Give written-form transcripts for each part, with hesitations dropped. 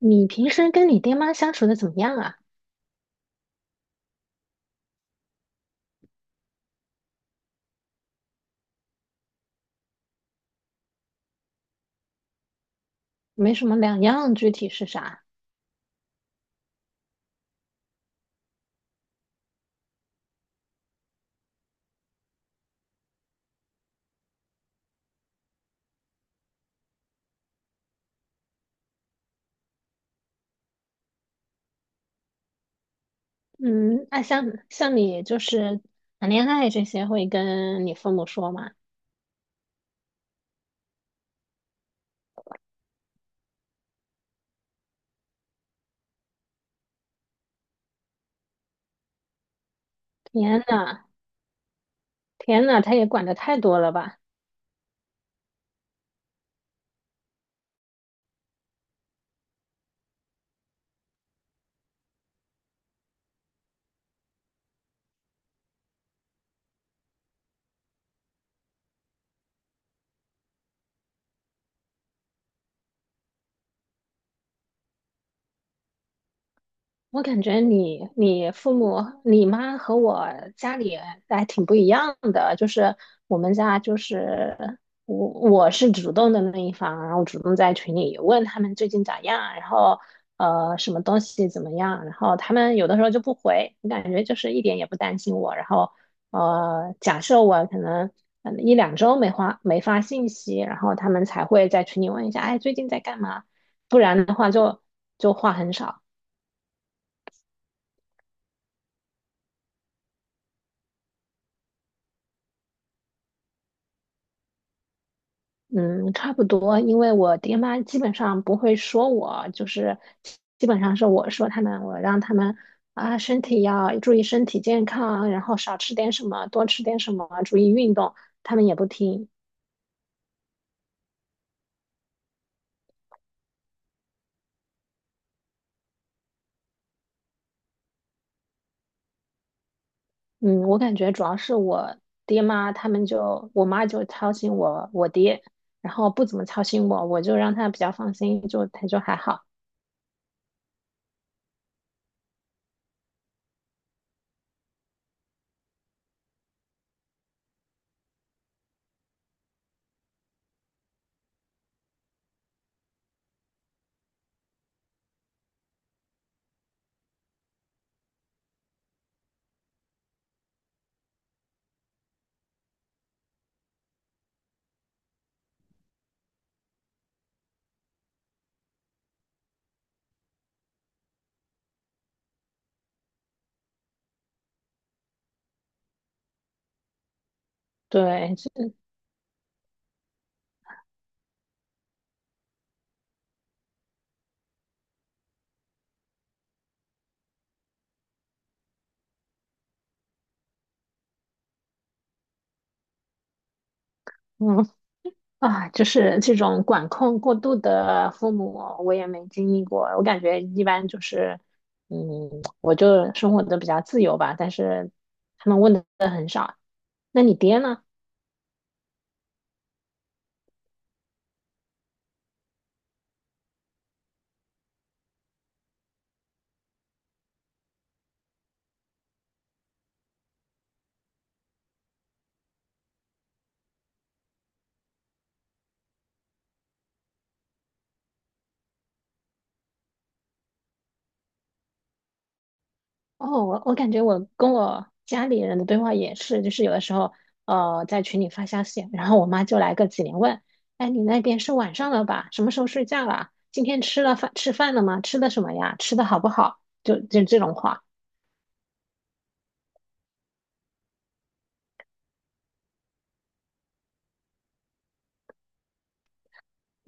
你平时跟你爹妈相处的怎么样啊？没什么两样，具体是啥？嗯，那像你就是谈恋爱这些，会跟你父母说吗？天呐，天呐，他也管的太多了吧？我感觉你、你父母、你妈和我家里还挺不一样的，就是我们家就是我是主动的那一方，然后主动在群里问他们最近咋样，然后什么东西怎么样，然后他们有的时候就不回，我感觉就是一点也不担心我，然后假设我可能嗯一两周没发信息，然后他们才会在群里问一下，哎最近在干嘛，不然的话就话很少。嗯，差不多，因为我爹妈基本上不会说我，就是基本上是我说他们，我让他们啊，身体要注意身体健康，然后少吃点什么，多吃点什么，注意运动，他们也不听。嗯，我感觉主要是我爹妈，他们就我妈就操心我，我爹，然后不怎么操心我，我就让他比较放心，就他就还好。对，嗯，啊，就是这种管控过度的父母，我也没经历过。我感觉一般就是，嗯，我就生活的比较自由吧。但是他们问的，那你爹呢？哦，我感觉我跟我家里人的对话也是，就是有的时候，在群里发消息，然后我妈就来个几连问，哎，你那边是晚上了吧？什么时候睡觉啦？今天吃饭了吗？吃的什么呀？吃的好不好？就这种话。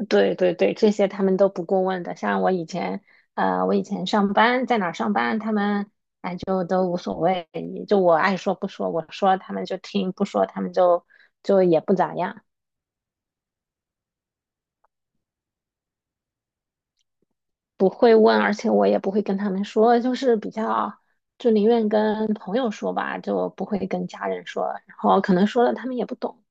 对对对，这些他们都不过问的。像我以前，我以前上班在哪儿上班，他们就都无所谓，就我爱说不说，我说他们就听，不说他们就也不咋样，不会问，而且我也不会跟他们说，就是比较就宁愿跟朋友说吧，就不会跟家人说，然后可能说了他们也不懂。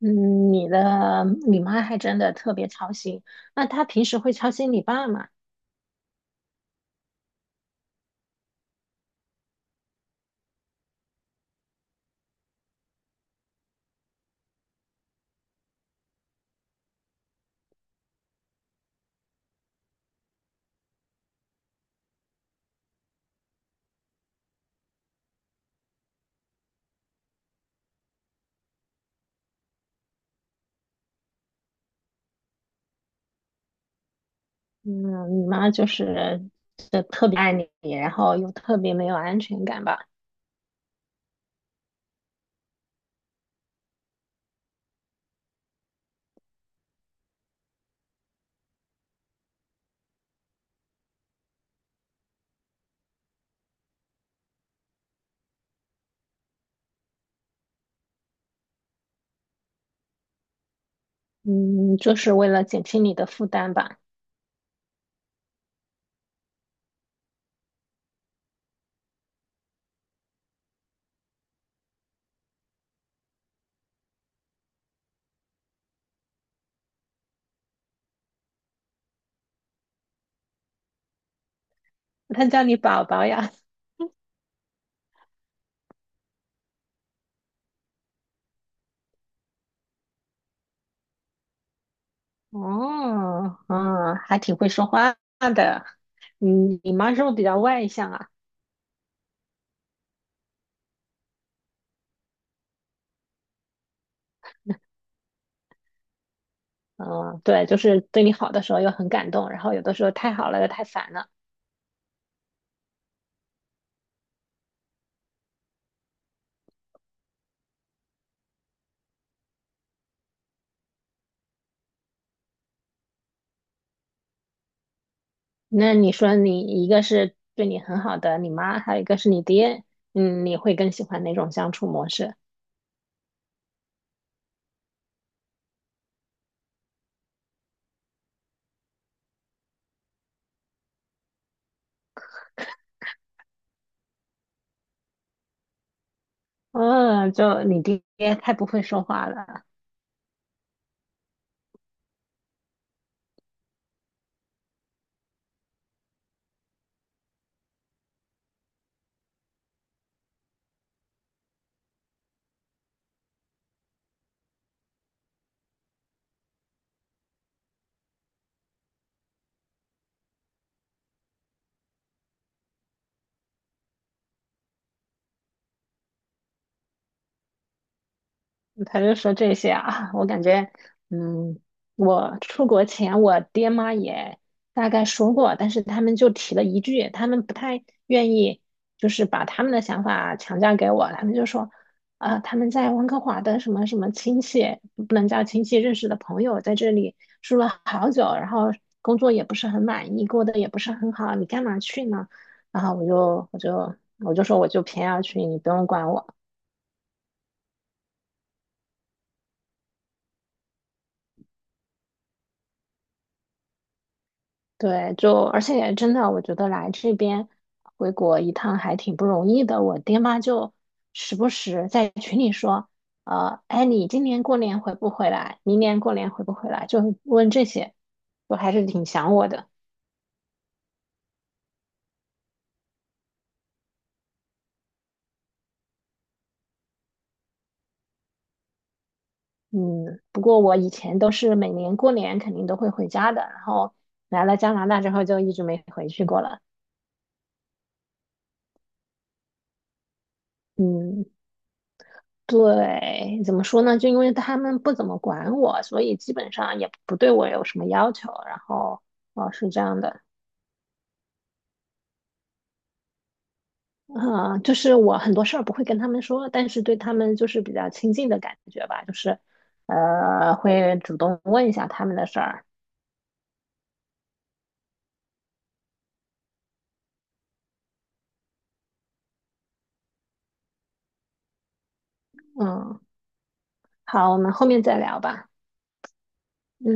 嗯，你的你妈还真的特别操心，那她平时会操心你爸吗？嗯，你妈就是特别爱你，然后又特别没有安全感吧？嗯，就是为了减轻你的负担吧。她叫你宝宝呀？哦，嗯，还挺会说话的。嗯，你妈是不是比较外向啊？嗯，对，就是对你好的时候又很感动，然后有的时候太好了又太烦了。那你说你一个是对你很好的你妈，还有一个是你爹，嗯，你会更喜欢哪种相处模式？嗯，就你爹太不会说话了。他就说这些啊，我感觉，嗯，我出国前我爹妈也大概说过，但是他们就提了一句，他们不太愿意，就是把他们的想法强加给我，他们就说，啊、他们在温哥华的什么什么亲戚，不能叫亲戚，认识的朋友在这里住了好久，然后工作也不是很满意，过得也不是很好，你干嘛去呢？然后我就说我就偏要去，你不用管我。对，就而且真的，我觉得来这边回国一趟还挺不容易的。我爹妈就时不时在群里说，哎，你今年过年回不回来？明年过年回不回来？就问这些，就还是挺想我的。嗯，不过我以前都是每年过年肯定都会回家的，然后来了加拿大之后就一直没回去过了。嗯。对，怎么说呢？就因为他们不怎么管我，所以基本上也不对我有什么要求。然后，哦，是这样的，啊、就是我很多事儿不会跟他们说，但是对他们就是比较亲近的感觉吧，就是，会主动问一下他们的事儿。嗯，好，我们后面再聊吧。嗯。